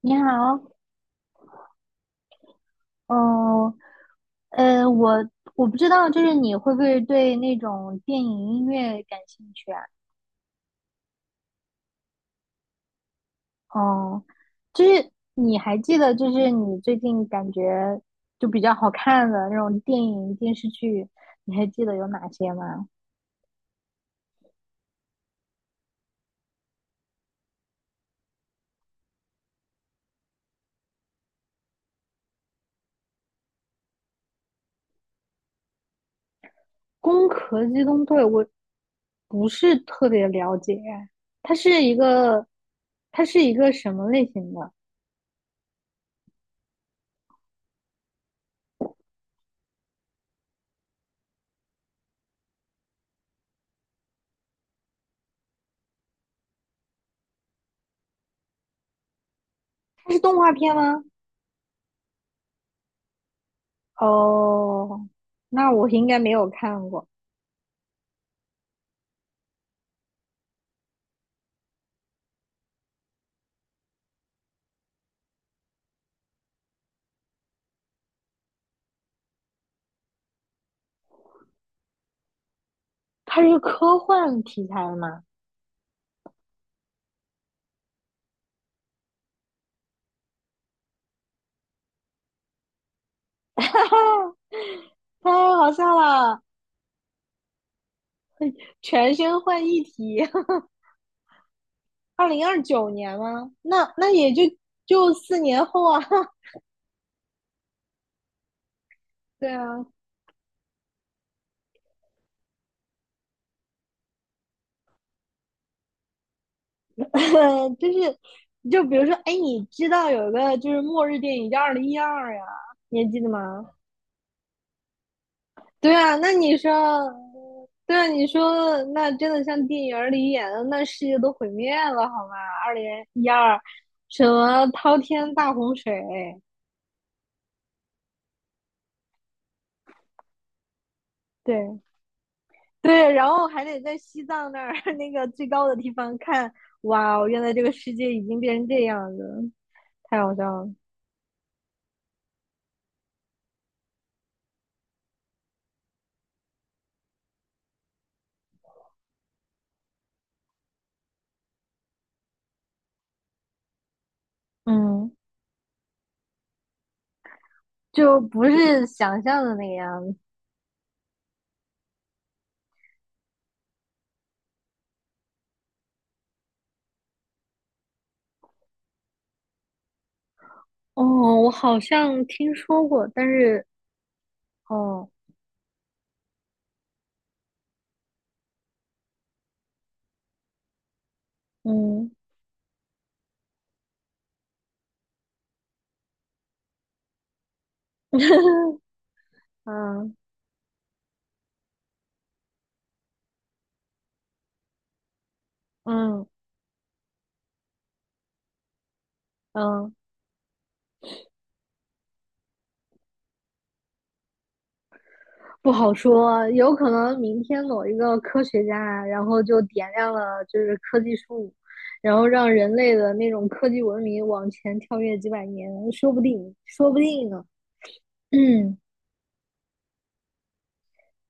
你好，嗯，呃，我我不知道，就是你会不会对那种电影音乐感兴趣啊？嗯，就是你还记得，就是你最近感觉就比较好看的那种电影电视剧，你还记得有哪些吗？《攻壳机动队》我不是特别了解，它是一个，它是一个什么类型的？它是动画片吗？哦，那我应该没有看过。它是一个科幻题材的吗？太好笑了！全身换一体，二零二九年吗？那也就四年后啊。对啊，就是比如说，哎，你知道有一个就是末日电影叫《二零一二》呀，你还记得吗？对啊，那你说，对啊，你说那真的像电影里演的，那世界都毁灭了，好吗？二零一二，什么滔天大洪水？对，对，然后还得在西藏那儿 那个最高的地方看，哇哦原来这个世界已经变成这样子，太好笑了。嗯，就不是想象的那个样子。哦，我好像听说过，但是哦，嗯 嗯嗯嗯。不好说，有可能明天某一个科学家啊，然后就点亮了就是科技树，然后让人类的那种科技文明往前跳跃几百年，说不定，说不定呢。嗯，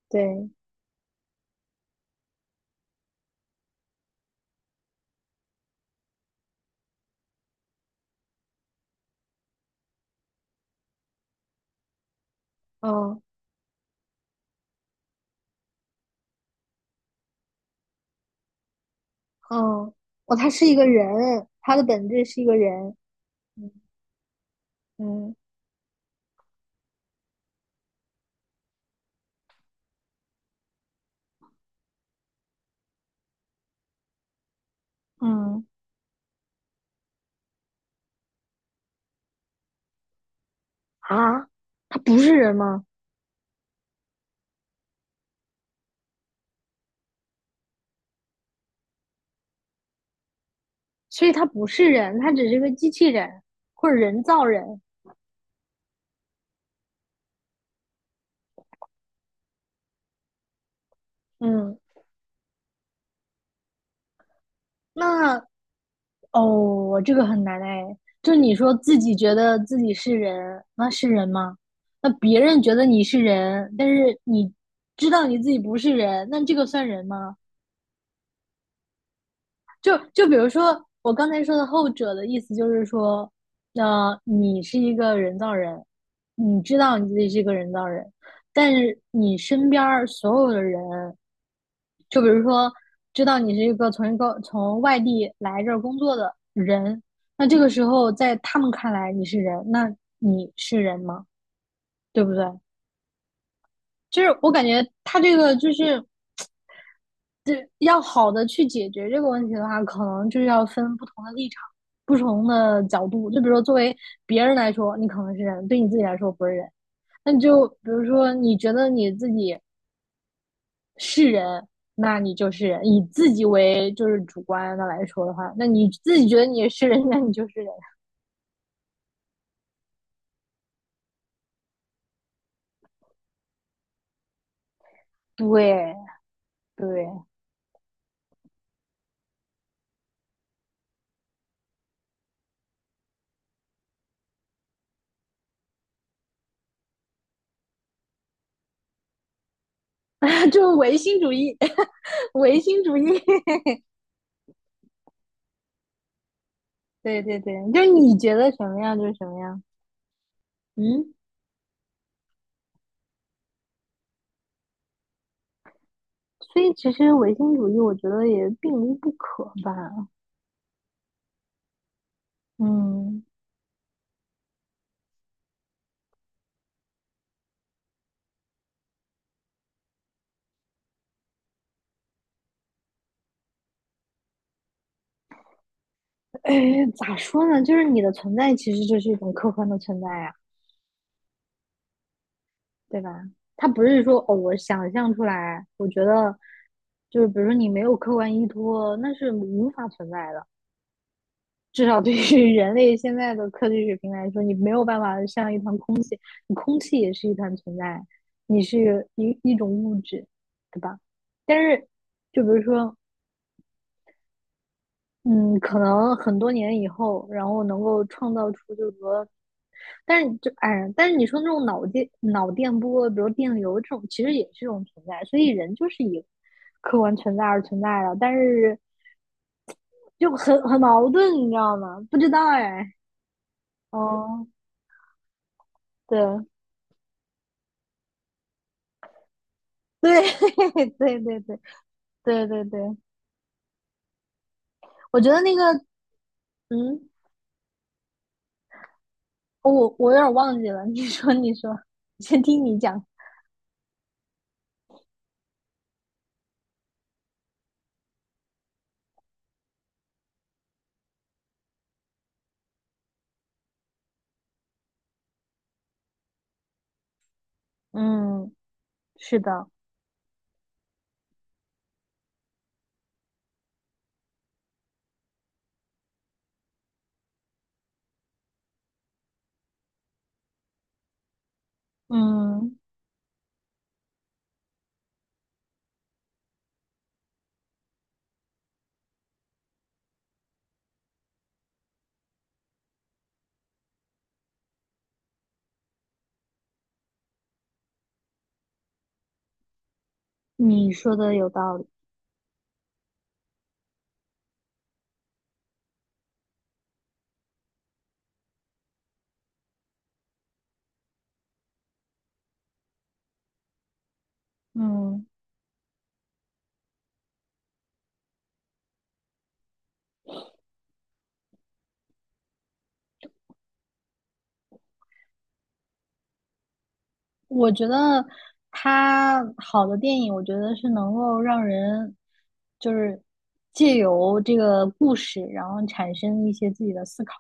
对，嗯嗯，哦，他是一个人，他的本质是一个人。嗯嗯嗯，啊，他不是人吗？所以他不是人，他只是个机器人或者人造人。嗯，那哦，这个很难哎。就你说自己觉得自己是人，那是人吗？那别人觉得你是人，但是你知道你自己不是人，那这个算人吗？就比如说我刚才说的后者的意思就是说，那你是一个人造人，你知道你自己是一个人造人，但是你身边所有的人，就比如说知道你是一个从一个从外地来这儿工作的人，那这个时候在他们看来你是人，那你是人吗？对不对？就是我感觉他这个就是要好的去解决这个问题的话，可能就要分不同的立场、不同的角度。就比如说，作为别人来说，你可能是人；对你自己来说不是人。那你就比如说，你觉得你自己是人，那你就是人；以自己为就是主观的来说的话，那你自己觉得你是人，那你就是人。对对。就唯心主义 唯心主义 对对对，就你觉得什么样就是什么样。嗯，所以其实唯心主义，我觉得也并无不可吧。嗯，哎，咋说呢？就是你的存在其实就是一种客观的存在呀、啊对吧？它不是说哦，我想象出来，我觉得就是比如说你没有客观依托，那是无法存在的。至少对于人类现在的科技水平来说，你没有办法像一团空气，你空气也是一团存在，你是一种物质，对吧？但是，就比如说，嗯，可能很多年以后，然后能够创造出就是说，但是就哎，但是你说那种脑电波，比如电流这种，其实也是一种存在，所以人就是以客观存在而存在的，但是就很矛盾，你知道吗？不知道哎，哦，对对 对对对对对对，我觉得那个嗯，我有点忘记了，你说你说，先听你讲，嗯，是的，嗯。你说的有道理。嗯，我觉得它好的电影，我觉得是能够让人就是借由这个故事，然后产生一些自己的思考。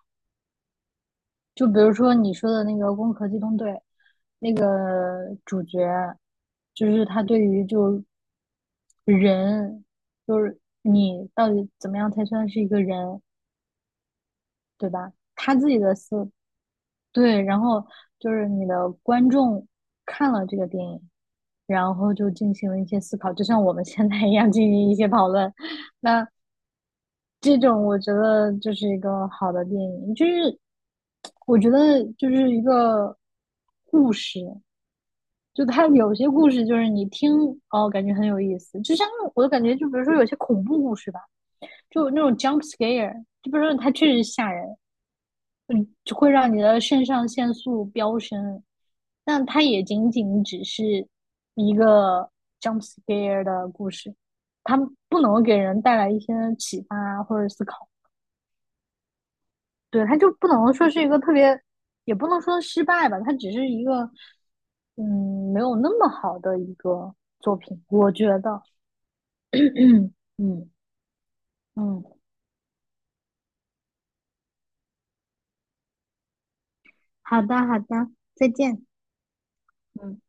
就比如说你说的那个《攻壳机动队》，那个主角就是他对于就人，就是你到底怎么样才算是一个人，对吧？他自己的思对，然后就是你的观众看了这个电影，然后就进行了一些思考，就像我们现在一样进行一些讨论。那这种我觉得就是一个好的电影，就是我觉得就是一个故事，就它有些故事就是你听哦，感觉很有意思，就像我感觉就比如说有些恐怖故事吧，就那种 jump scare，就比如说它确实吓人，嗯，就会让你的肾上腺素飙升。但它也仅仅只是一个 jump scare 的故事，它不能给人带来一些启发或者思考。对，它就不能说是一个特别，也不能说失败吧，它只是一个，嗯，没有那么好的一个作品，我觉得。嗯嗯，好的好的，再见。嗯。